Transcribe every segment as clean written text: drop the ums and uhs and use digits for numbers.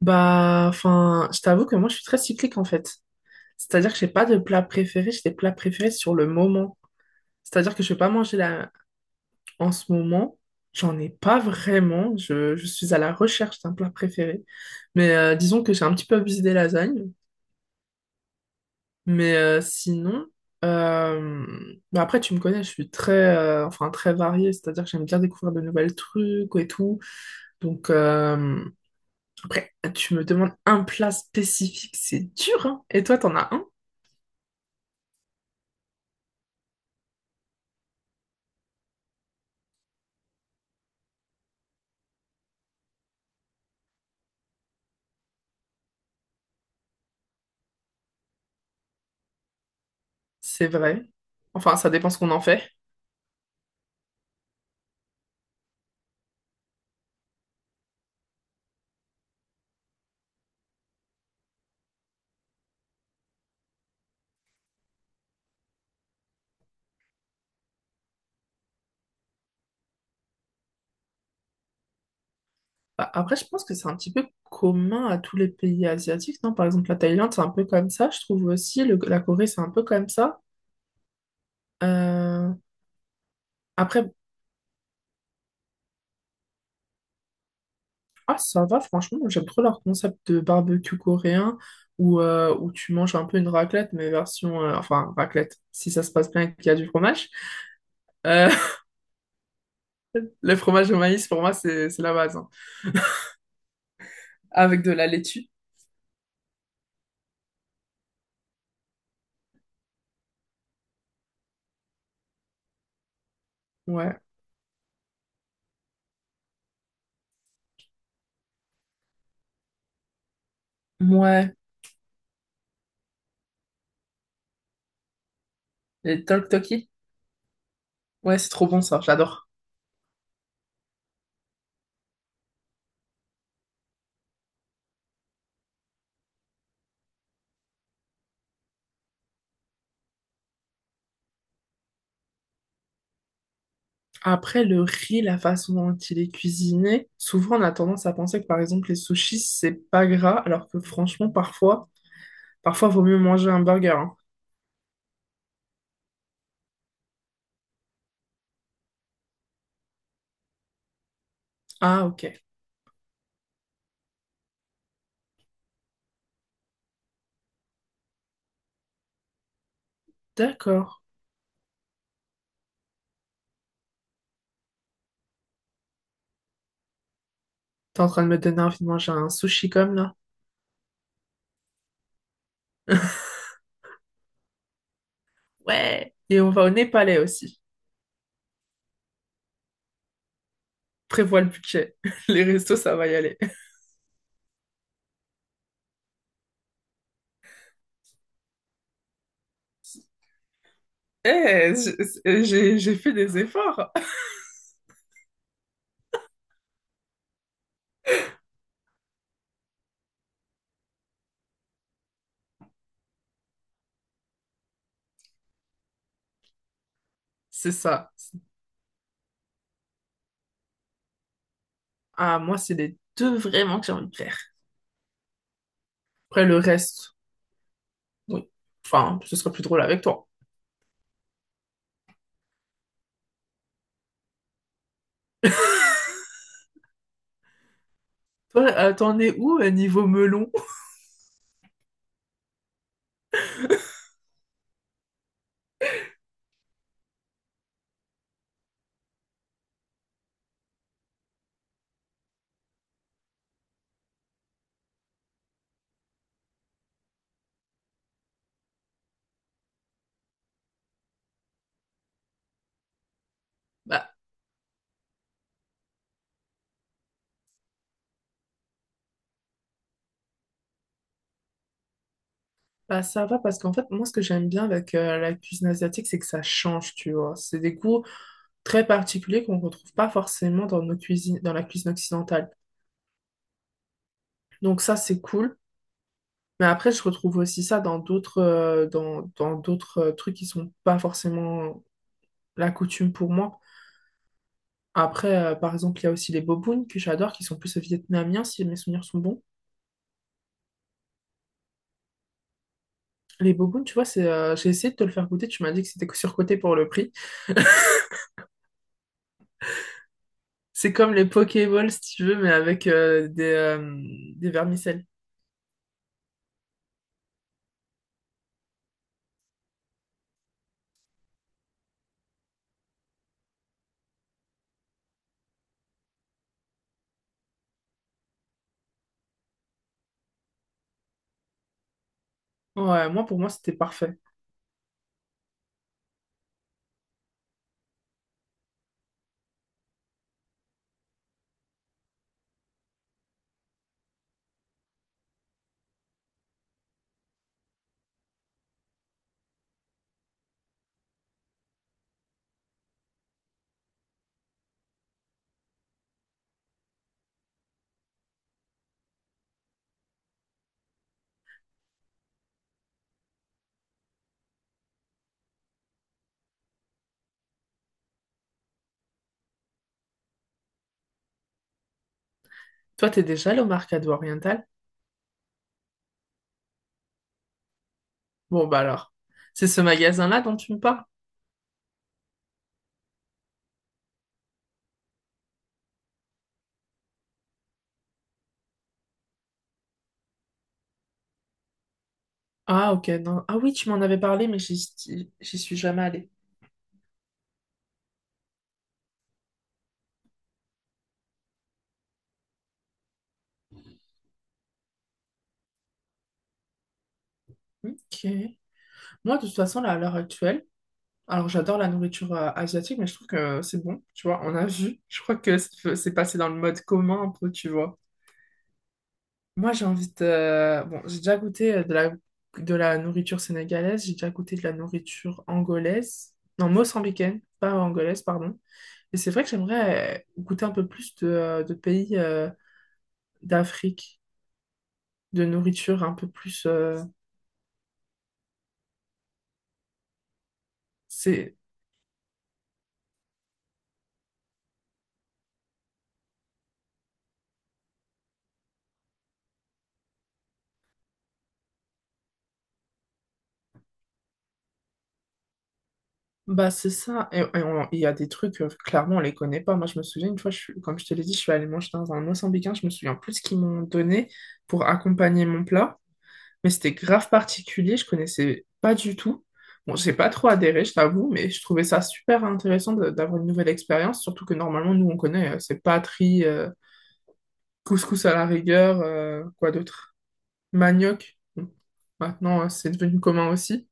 Bah, enfin, je t'avoue que moi, je suis très cyclique en fait. C'est-à-dire que j'ai pas de plat préféré, j'ai des plats préférés sur le moment. C'est-à-dire que je vais pas manger là en ce moment. J'en ai pas vraiment. Je suis à la recherche d'un plat préféré. Mais disons que j'ai un petit peu abusé des lasagnes. Mais sinon, euh, bah après, tu me connais, je suis très, enfin, très variée. C'est-à-dire que j'aime bien découvrir de nouvelles trucs et tout. Donc, après, tu me demandes un plat spécifique, c'est dur, hein. Et toi, t'en as un? C'est vrai. Enfin, ça dépend ce qu'on en fait. Bah, après, je pense que c'est un petit peu commun à tous les pays asiatiques, non? Par exemple, la Thaïlande, c'est un peu comme ça, je trouve aussi. La Corée, c'est un peu comme ça. Euh, Après, ah, ça va, franchement, j'aime trop leur concept de barbecue coréen où, où tu manges un peu une raclette, mais version enfin, raclette, si ça se passe bien et qu'il y a du fromage. Euh, le fromage au maïs, pour moi, c'est la base, hein. Avec de la laitue. Ouais. Ouais. Les tteokbokki. Ouais, c'est trop bon, ça. J'adore. Après, le riz, la façon dont il est cuisiné, souvent on a tendance à penser que par exemple les sushis, c'est pas gras, alors que franchement, parfois, vaut mieux manger un burger, hein. Ah, ok, d'accord. T'es en train de me donner envie de manger un sushi comme là. Ouais. Et on va au Népalais aussi. Prévois le budget. Les restos, ça va y aller. Eh, j'ai fait des efforts. C'est ça. Ah, moi, c'est les deux vraiment que j'ai envie de faire. Après, le reste, oui. Enfin, ce sera plus drôle avec toi. Toi, t'en es où niveau melon? Bah, bah, ça va parce qu'en fait, moi, ce que j'aime bien avec la cuisine asiatique, c'est que ça change, tu vois. C'est des goûts très particuliers qu'on ne retrouve pas forcément dans nos cuisines, dans la cuisine occidentale. Donc ça, c'est cool. Mais après, je retrouve aussi ça dans d'autres dans, dans d'autres trucs qui sont pas forcément la coutume pour moi. Après, par exemple, il y a aussi les bobounes que j'adore, qui sont plus vietnamiens, si mes souvenirs sont bons. Les bobounes, tu vois, c'est, j'ai essayé de te le faire goûter, tu m'as dit que c'était surcoté pour le prix. C'est comme les Pokéballs, si tu veux, mais avec des vermicelles. Ouais, moi, pour moi, c'était parfait. Toi, t'es déjà allé au Mercado Oriental? Bon, bah alors. C'est ce magasin-là dont tu me parles? Ah, ok, non. Ah oui, tu m'en avais parlé, mais j'y suis jamais allée. Ok. Moi, de toute façon, là, à l'heure actuelle, alors j'adore la nourriture asiatique, mais je trouve que c'est bon. Tu vois, on a vu. Je crois que c'est passé dans le mode commun un peu, tu vois. Moi, j'ai envie de bon, j'ai déjà goûté de la de la nourriture sénégalaise, j'ai déjà goûté de la nourriture angolaise, non, mozambicaine, pas angolaise, pardon. Et c'est vrai que j'aimerais goûter un peu plus de pays d'Afrique, de nourriture un peu plus c'est bah, c'est ça. Et il y a des trucs, clairement, on les connaît pas. Moi, je me souviens, une fois, comme je te l'ai dit, je suis allée manger dans un mozambicain, je me souviens plus ce qu'ils m'ont donné pour accompagner mon plat, mais c'était grave particulier, je connaissais pas du tout. Bon, j'ai pas trop adhéré, je t'avoue, mais je trouvais ça super intéressant d'avoir une nouvelle expérience, surtout que normalement, nous, on connaît, c'est patrie, couscous à la rigueur, quoi d'autre? Manioc. Bon, maintenant, c'est devenu commun aussi.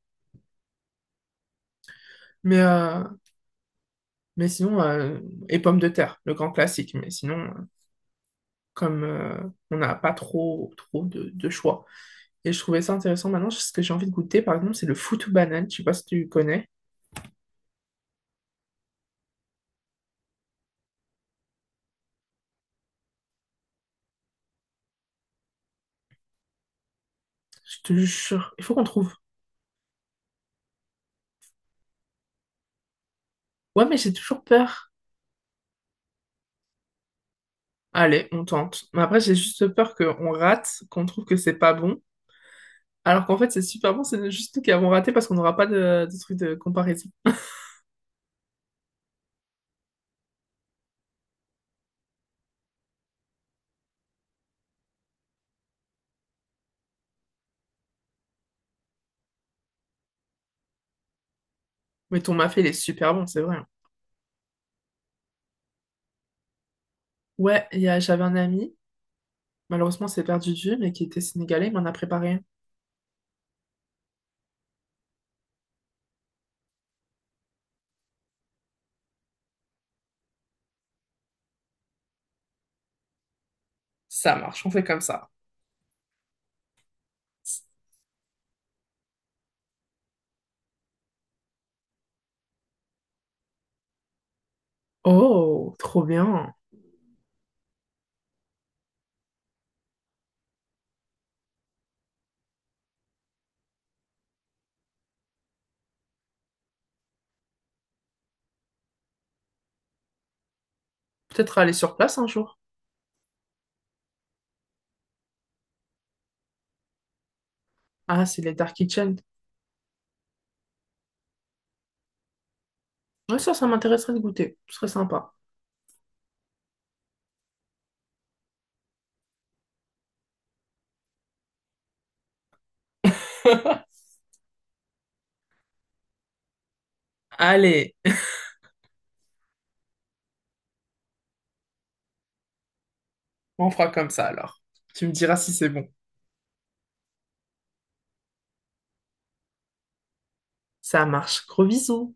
Mais, euh, mais sinon, et pommes de terre, le grand classique. Mais sinon, comme on n'a pas trop de choix. Et je trouvais ça intéressant. Maintenant, ce que j'ai envie de goûter, par exemple, c'est le foutou banane. Je sais pas si tu connais. Je te jure, il faut qu'on trouve. Ouais, mais j'ai toujours peur. Allez, on tente. Mais après, j'ai juste peur qu'on rate, qu'on trouve que c'est pas bon. Alors qu'en fait, c'est super bon, c'est juste nous qui avons raté parce qu'on n'aura pas de, de truc de comparaison. Mais ton mafé, il est super bon, c'est vrai, hein. Ouais, j'avais un ami, malheureusement, c'est perdu de vue, mais qui était sénégalais, il m'en a préparé un. Ça marche, on fait comme ça. Oh, trop bien. Peut-être aller sur place un jour. Ah, c'est les Dark Kitchen. Ouais, ça m'intéresserait de goûter. Ce serait sympa. Allez, on fera comme ça alors. Tu me diras si c'est bon. Ça marche. Gros bisous.